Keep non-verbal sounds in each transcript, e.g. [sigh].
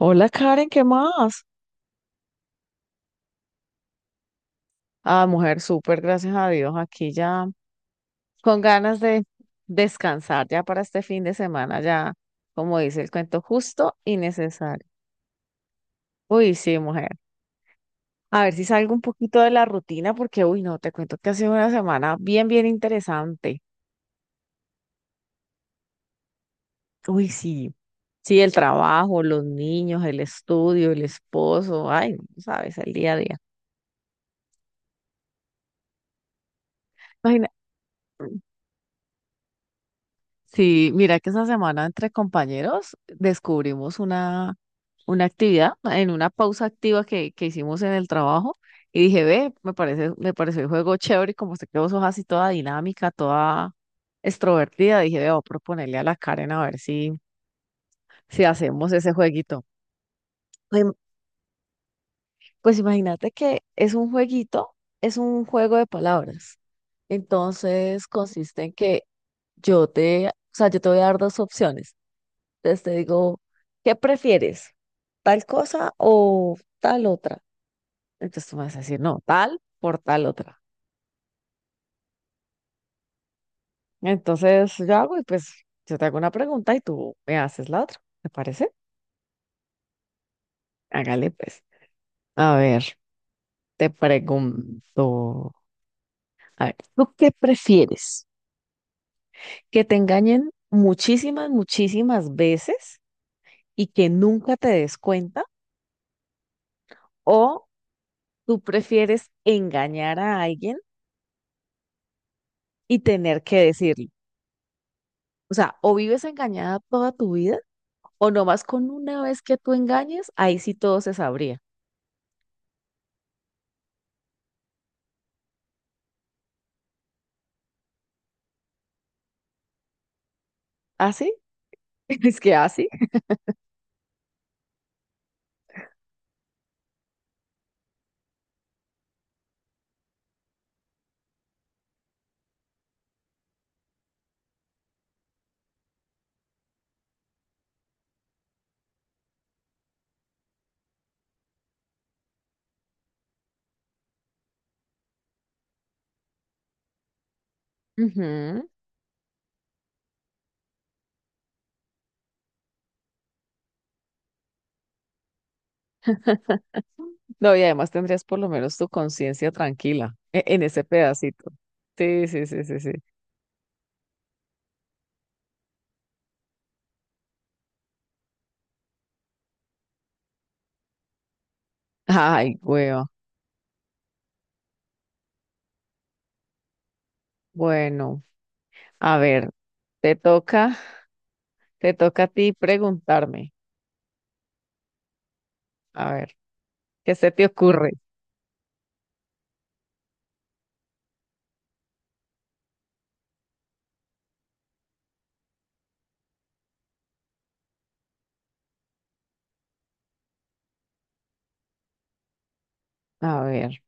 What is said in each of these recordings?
Hola Karen, ¿qué más? Ah, mujer, súper, gracias a Dios. Aquí ya con ganas de descansar ya para este fin de semana, ya como dice el cuento, justo y necesario. Uy, sí, mujer. A ver si salgo un poquito de la rutina porque, uy, no, te cuento que ha sido una semana bien, bien interesante. Uy, sí. Sí, el trabajo, los niños, el estudio, el esposo, ay, no sabes, el día a día. Imagina. Sí, mira que esa semana entre compañeros descubrimos una actividad en una pausa activa que hicimos en el trabajo y dije, ve, me parece, me pareció el juego chévere y como se quedó sos así toda dinámica, toda extrovertida, dije, ve, voy a proponerle a la Karen a ver si, si hacemos ese jueguito. Em, Pues imagínate que es un jueguito, es un juego de palabras. Entonces consiste en que yo te, o sea, yo te voy a dar dos opciones. Entonces te digo, ¿qué prefieres? ¿Tal cosa o tal otra? Entonces tú me vas a decir, no, tal por tal otra. Entonces yo hago y pues yo te hago una pregunta y tú me haces la otra. ¿Te parece? Hágale pues. A ver, te pregunto. A ver, ¿tú qué prefieres? ¿Que te engañen muchísimas, muchísimas veces y que nunca te des cuenta? ¿O tú prefieres engañar a alguien y tener que decirlo? O sea, o vives engañada toda tu vida, o nomás con una vez que tú engañes, ahí sí todo se sabría. ¿Así? [laughs] Es que así. Ujú. No, y además tendrías por lo menos tu conciencia tranquila en ese pedacito. Sí, sí, sí, sí, sí. Ay, hueva. Bueno, a ver, te toca, te toca a ti preguntarme. A ver, ¿qué se te ocurre? A ver,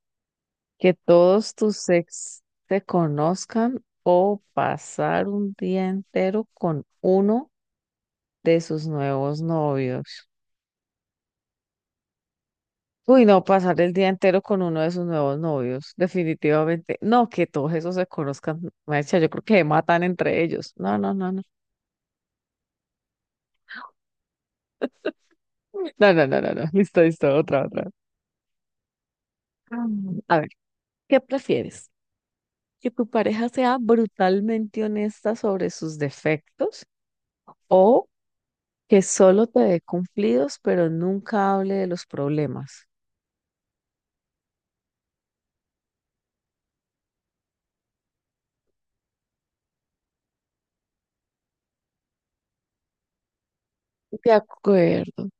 que todos tus ex te conozcan o pasar un día entero con uno de sus nuevos novios. Uy, no, pasar el día entero con uno de sus nuevos novios, definitivamente. No, que todos esos se conozcan, maestra, yo creo que se matan entre ellos. No, no, no, no. No, no, no, no, no. [laughs] Listo, listo, otra, otra. Mm. A ver, ¿qué prefieres? ¿Que tu pareja sea brutalmente honesta sobre sus defectos o que solo te dé cumplidos, pero nunca hable de los problemas? De acuerdo.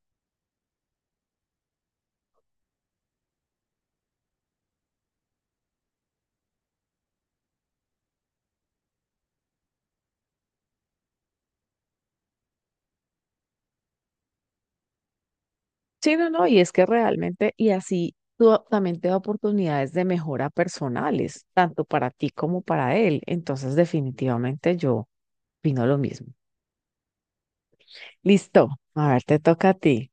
Sí, no, no, y es que realmente, y así también te da oportunidades de mejora personales, tanto para ti como para él. Entonces, definitivamente yo opino lo mismo. Listo, a ver, te toca a ti.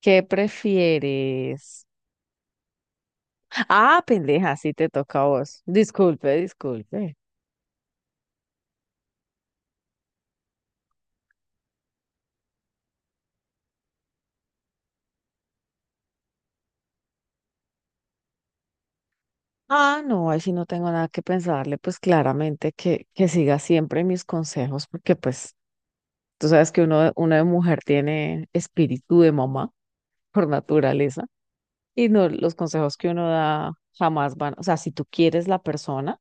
¿Qué prefieres? Ah, pendeja, sí te toca a vos. Disculpe, disculpe. Ah, no, ahí sí no tengo nada que pensarle, pues claramente que siga siempre mis consejos, porque pues tú sabes que uno, una de mujer tiene espíritu de mamá por naturaleza. Y no, los consejos que uno da jamás van, o sea, si tú quieres la persona,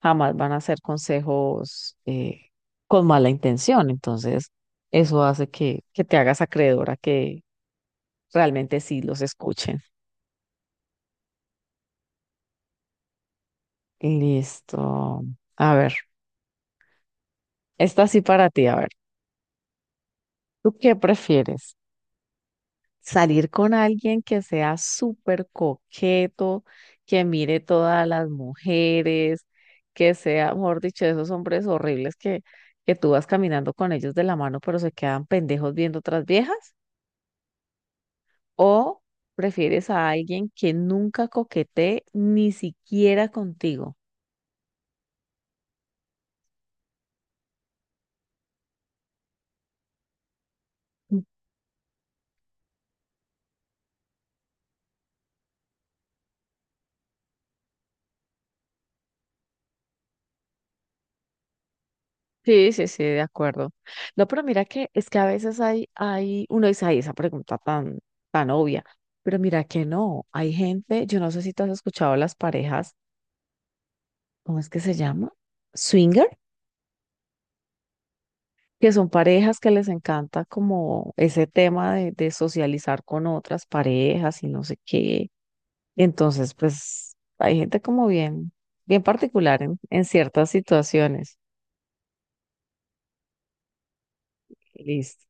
jamás van a ser consejos con mala intención. Entonces, eso hace que te hagas acreedora que realmente sí los escuchen. Listo. A ver, esta sí para ti, a ver. ¿Tú qué prefieres? Salir con alguien que sea súper coqueto, que mire todas las mujeres, que sea, mejor dicho, esos hombres horribles que tú vas caminando con ellos de la mano, pero se quedan pendejos viendo otras viejas, o prefieres a alguien que nunca coquetee ni siquiera contigo. Sí, sí, sí, de acuerdo. No, pero mira que es que a veces hay, uno dice, ay, esa pregunta tan, tan obvia, pero mira que no, hay gente, yo no sé si tú has escuchado las parejas, ¿cómo es que se llama? Swinger, que son parejas que les encanta como ese tema de socializar con otras parejas y no sé qué. Entonces, pues hay gente como bien, bien particular en ciertas situaciones. Listo.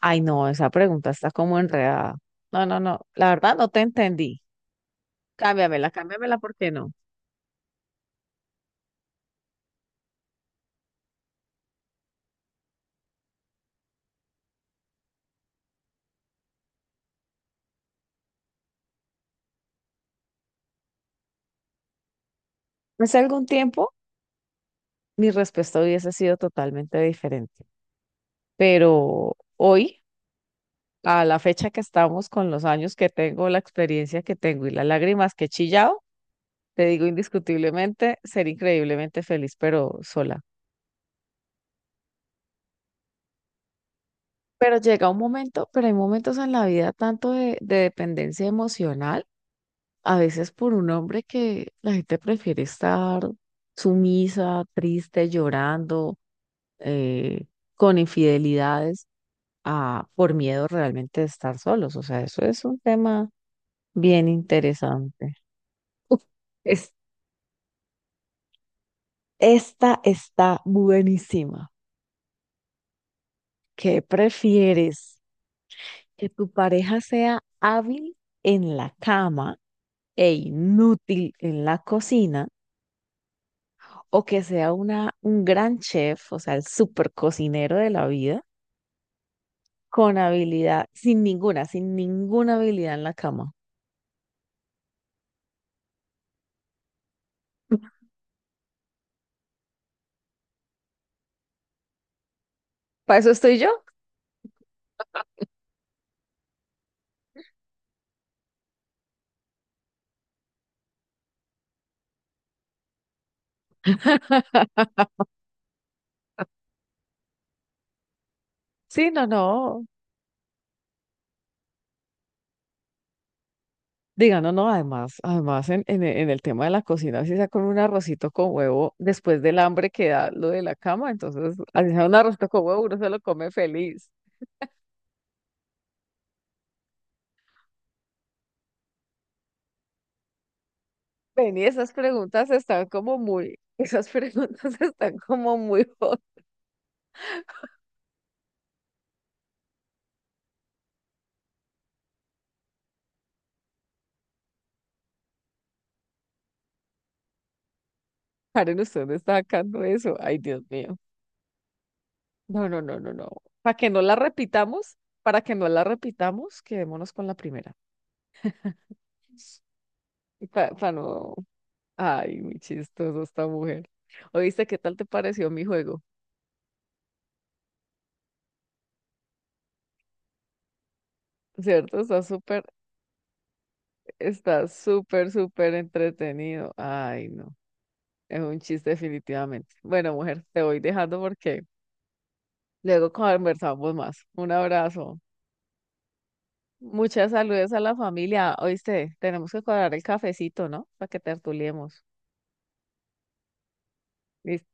Ay, no, esa pregunta está como enredada. No, no, no, la verdad no te entendí. Cámbiamela, cámbiamela, ¿por qué no? Hace algún tiempo mi respuesta hubiese sido totalmente diferente, pero hoy, a la fecha que estamos, con los años que tengo, la experiencia que tengo y las lágrimas que he chillado, te digo indiscutiblemente, ser increíblemente feliz, pero sola. Pero llega un momento, pero hay momentos en la vida tanto de dependencia emocional a veces por un hombre que la gente prefiere estar sumisa, triste, llorando, eh, con infidelidades, a, por miedo realmente de estar solos. O sea, eso es un tema bien interesante. Uf, es, esta está buenísima. ¿Qué prefieres? ¿Que tu pareja sea hábil en la cama e inútil en la cocina? ¿O que sea un gran chef, o sea, el super cocinero de la vida, con habilidad, sin ninguna, sin ninguna habilidad en la cama? Para eso estoy yo. [laughs] Sí, no, no. Diga, no, no, además, además en el tema de la cocina, si sea con un arrocito con huevo, después del hambre que da lo de la cama, entonces, así sea un arrocito con huevo, uno se lo come feliz. Ven, y esas preguntas están como muy, esas preguntas [laughs] están como muy [laughs] hot. Karen, usted me está sacando eso. Ay, Dios mío. No, no, no, no, no. Para que no la repitamos, para que no la repitamos, quedémonos con la primera. Para no. Ay, muy chistoso esta mujer. Oíste, ¿qué tal te pareció mi juego? ¿Cierto? Está súper, súper entretenido. Ay, no. Es un chiste definitivamente. Bueno, mujer, te voy dejando porque luego conversamos más. Un abrazo. Muchas saludes a la familia. Oíste, tenemos que cuadrar el cafecito, ¿no? Para que tertuliemos. Lis-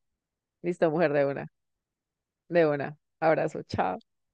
Listo, mujer, de una. De una. Abrazo. Chao.